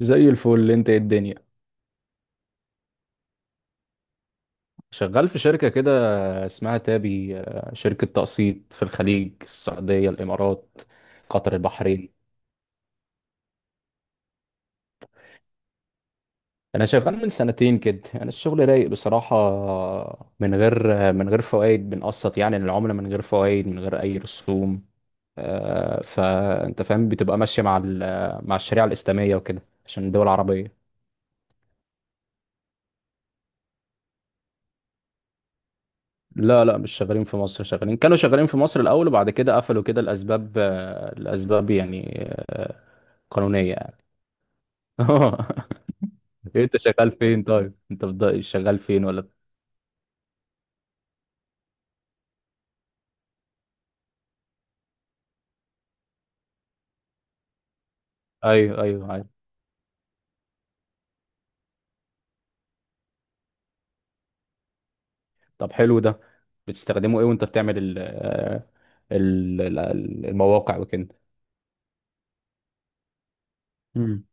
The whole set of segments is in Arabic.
زي الفل. انت ايه الدنيا؟ شغال في شركة كده اسمها تابي، شركة تقسيط في الخليج، السعودية الإمارات قطر البحرين. أنا شغال من سنتين كده. أنا الشغل رايق بصراحة، من غير فوائد، بنقسط يعني للعملة من غير فوائد، من غير أي رسوم. فأنت فاهم بتبقى ماشية مع مع الشريعة الإسلامية وكده، عشان الدول العربية. لا لا، مش شغالين في مصر. كانوا شغالين في مصر الأول، وبعد كده قفلوا كده. الأسباب، يعني آه، قانونية يعني. إيه، أنت شغال فين طيب؟ أنت شغال فين ولا؟ أيوه، أيوه، أيوه. طب حلو ده. بتستخدمه إيه وأنت بتعمل ال آه، ال- ال- ال- المواقع وكده؟ مم.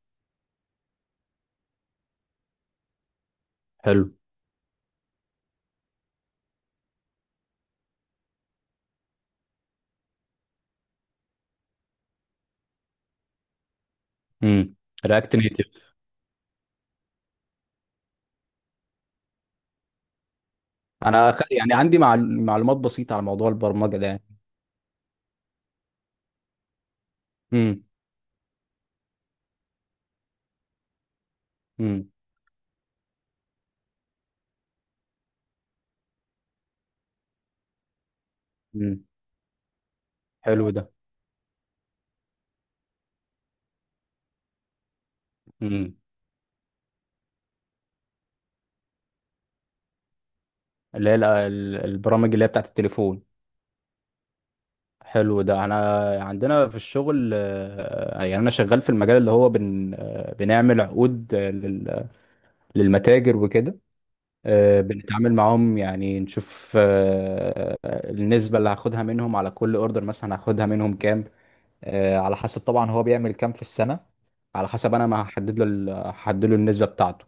حلو. امم. رياكت نيتف؟ أنا يعني عندي معلومات بسيطة على موضوع البرمجة ده يعني. امم. امم. أمم. حلو. ده اللي هي البرامج اللي هي بتاعت التليفون. حلو ده. انا عندنا في الشغل، يعني انا شغال في المجال اللي هو بن آه، بنعمل عقود للمتاجر وكده. بنتعامل معاهم، يعني نشوف النسبة اللي هاخدها منهم على كل اوردر. مثلا هاخدها منهم كام؟ على حسب طبعا هو بيعمل كام في السنة. على حسب انا، ما هحدد له هحدد له النسبة بتاعته.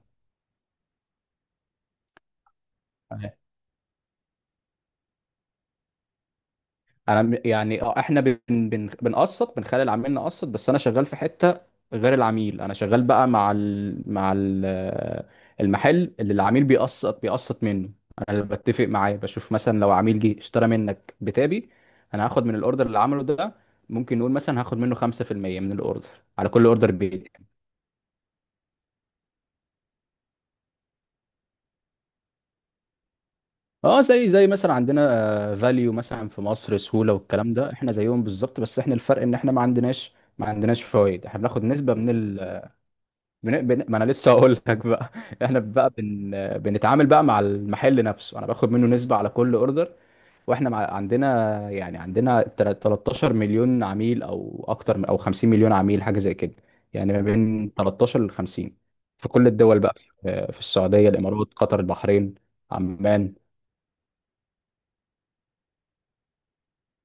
انا يعني اه، احنا بن بن بنقسط، بنخلي العميل نقسط. بس انا شغال في حته غير العميل. انا شغال بقى المحل اللي العميل بيقسط منه. انا اللي بتفق معاه، بشوف مثلا لو عميل جه اشترى منك بتابي، انا هاخد من الاوردر اللي عمله ده. ممكن نقول مثلا هاخد منه 5% من الاوردر، على كل اوردر بيجي. اه زي مثلا عندنا فاليو مثلا في مصر، سهوله والكلام ده، احنا زيهم بالظبط. بس احنا الفرق ان احنا ما عندناش، فوائد. احنا بناخد نسبه من ما انا لسه هقول لك بقى. احنا بقى بنتعامل بقى مع المحل نفسه. انا باخد منه نسبة على كل اوردر. واحنا عندنا، يعني عندنا 13 مليون عميل، او 50 مليون عميل، حاجة زي كده. يعني ما بين 13 ل 50، في كل الدول بقى، في السعودية الامارات قطر البحرين عمان.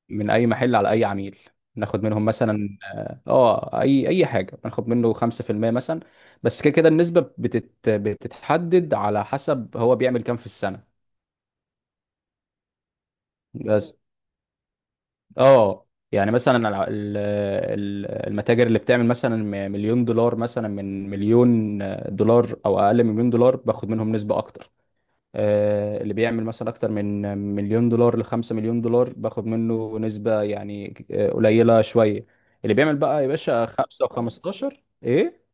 من اي محل، على اي عميل، ناخد منهم مثلا اي حاجه بناخد منه 5% مثلا. بس كده كده النسبه بتتحدد على حسب هو بيعمل كام في السنه بس. اه يعني مثلا المتاجر اللي بتعمل مثلا مليون دولار مثلا، من مليون دولار او اقل من مليون دولار، باخد منهم نسبه اكتر. اللي بيعمل مثلا اكتر من مليون دولار لخمسة مليون دولار، باخد منه نسبة يعني قليلة شوية. اللي بيعمل بقى يا باشا خمسة وخمستاشر ايه.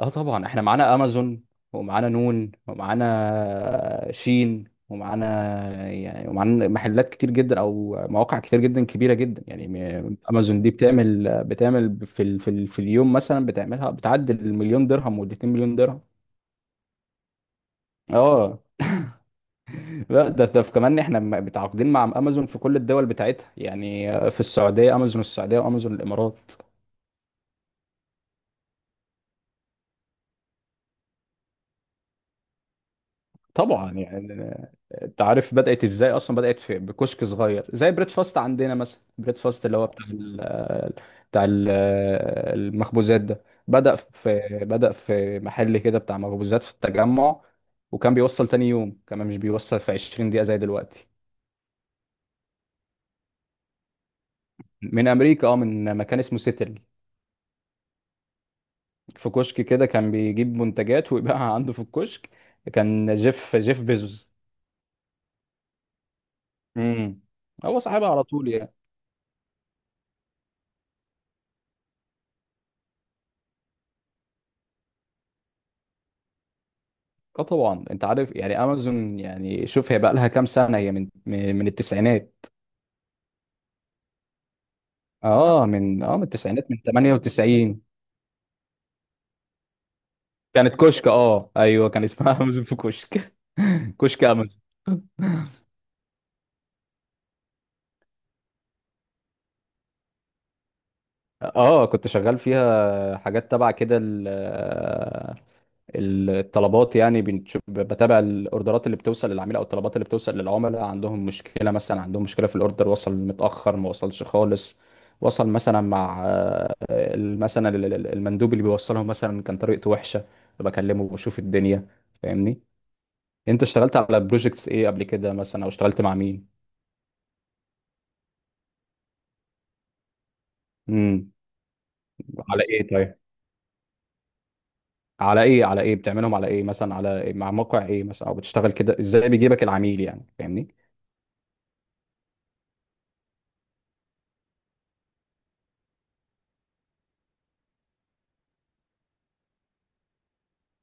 اه طبعا، احنا معانا امازون، ومعانا نون، ومعانا شين، ومعانا يعني، ومعانا محلات كتير جدا او مواقع كتير جدا، كبيره جدا يعني. امازون دي بتعمل في ال في, ال في اليوم مثلا بتعملها بتعدي المليون درهم والاتنين مليون درهم. اه لا، ده كمان، احنا متعاقدين مع امازون في كل الدول بتاعتها. يعني في السعوديه، امازون السعوديه وامازون الامارات. طبعا يعني. انت عارف بدات ازاي اصلا؟ بدات في بكشك صغير، زي بريد فاست عندنا مثلا. بريد فاست اللي هو بتاع المخبوزات ده. بدا في محل كده بتاع مخبوزات في التجمع. وكان بيوصل تاني يوم، كمان مش بيوصل في 20 دقيقه زي دلوقتي. من امريكا، اه، من مكان اسمه سيتل. في كشك كده، كان بيجيب منتجات ويبيعها عنده في الكشك. كان جيف بيزوس. امم. هو صاحبها على طول يعني. اه طبعا، انت عارف يعني امازون، يعني شوف، هي بقى لها كام سنه؟ هي من التسعينات. اه، من التسعينات، من 98. كانت كشك. اه ايوه، كان اسمها امازون في كشك. كشك امازون. اه كنت شغال فيها حاجات تبع كده، الطلبات يعني. بتابع الاوردرات اللي بتوصل للعميل، او الطلبات اللي بتوصل للعملاء. عندهم مشكله مثلا، عندهم مشكله في الاوردر: وصل متاخر، ما وصلش خالص، وصل مثلا مع مثلا المندوب اللي بيوصلهم مثلا كان طريقته وحشه. بكلمه بشوف الدنيا، فاهمني؟ انت اشتغلت على بروجكتس ايه قبل كده مثلا، او اشتغلت مع مين؟ امم. على ايه طيب؟ على ايه على ايه بتعملهم على ايه مثلا؟ على إيه؟ مع موقع ايه مثلا، او بتشتغل كده ازاي، بيجيبك العميل يعني، فاهمني؟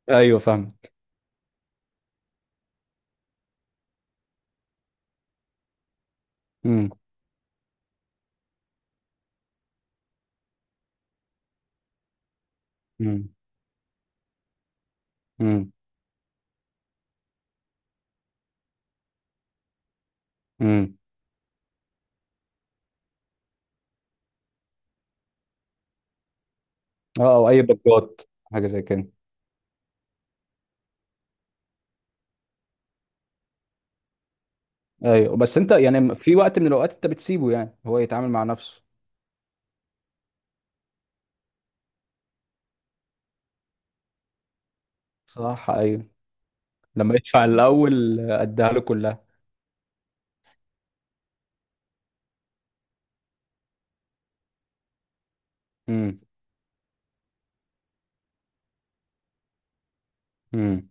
ايوه فاهم. امم. امم. امم. اه، او اي بجات، حاجه زي كده. ايوه، بس انت يعني في وقت من الاوقات انت بتسيبه، يعني هو يتعامل مع نفسه؟ صح. ايوه. لما يدفع الاول، اديها له كلها. امم. امم.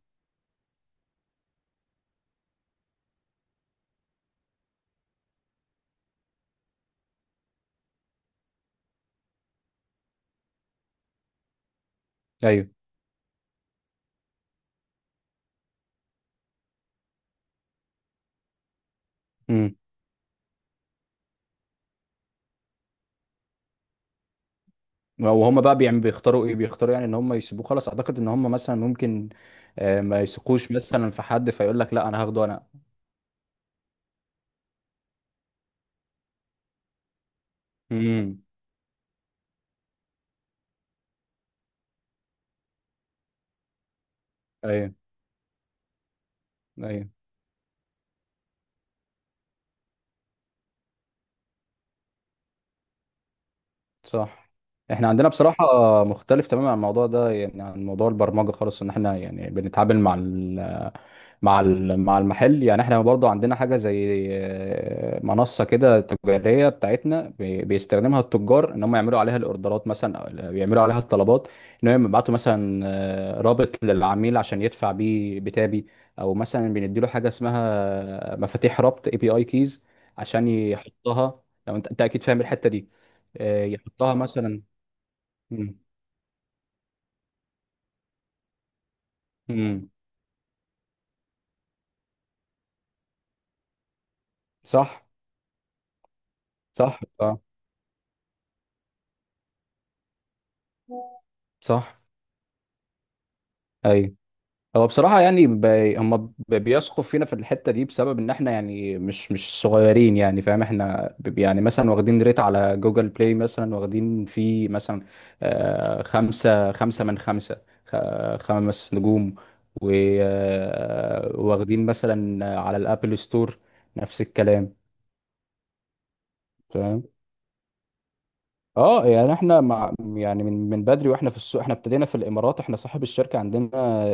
ايوه. امم. وهم بقى بيعمل بيختاروا ايه؟ بيختاروا يعني ان هم يسيبوه خلاص؟ اعتقد ان هم مثلا ممكن ما يثقوش مثلا في حد، فيقول لك لا، انا هاخده انا. امم. ايوه، ايوه. صح. احنا عندنا بصراحة مختلف تماما عن الموضوع ده، يعني عن موضوع البرمجة خالص. ان احنا يعني بنتعامل مع مع المحل. يعني احنا برضه عندنا حاجه زي منصه كده تجاريه بتاعتنا، بيستخدمها التجار ان هم يعملوا عليها الاوردرات مثلا، أو بيعملوا عليها الطلبات، ان هم يبعتوا مثلا رابط للعميل عشان يدفع بيه بتابي. او مثلا بنديله حاجه اسمها مفاتيح ربط، اي بي اي كيز، عشان يحطها. لو انت، اكيد فاهم الحته دي. يحطها مثلا. مم. مم. صح. صح. اه. صح. ايوه. هو بصراحة يعني هم بيثقوا فينا في الحتة دي، بسبب إن إحنا يعني مش صغيرين. يعني فاهم، إحنا يعني مثلا واخدين ريت على جوجل بلاي مثلا، واخدين فيه مثلا خمسة من خمسة، خمس نجوم. و... واخدين مثلا على الأبل ستور نفس الكلام. تمام. اه يعني احنا مع، يعني من بدري واحنا في السوق. احنا ابتدينا في الامارات. احنا صاحب الشركه عندنا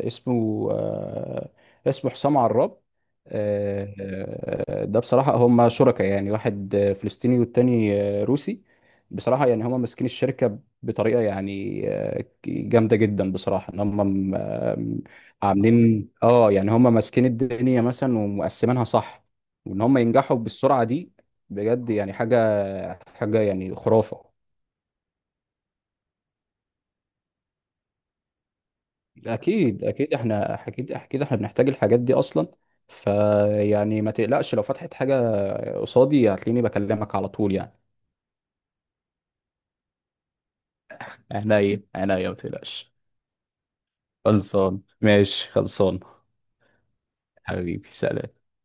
اسمه، اسمه حسام عراب. آه، ده بصراحه هم شركاء، يعني واحد فلسطيني والتاني روسي. بصراحه يعني هم ماسكين الشركه بطريقه يعني جامده جدا بصراحه. ان هم م- آم، عاملين، اه يعني، هم ماسكين الدنيا مثلا ومقسمينها صح. وان هم ينجحوا بالسرعه دي بجد، يعني حاجه، يعني خرافه. اكيد اكيد، احنا اكيد اكيد احنا بنحتاج الحاجات دي اصلا. فيعني ما تقلقش، لو فتحت حاجه قصادي هتلاقيني بكلمك على طول يعني. عينيا عينيا، ما تقلقش. خلصان، ماشي، خلصان. حبيبي سلام.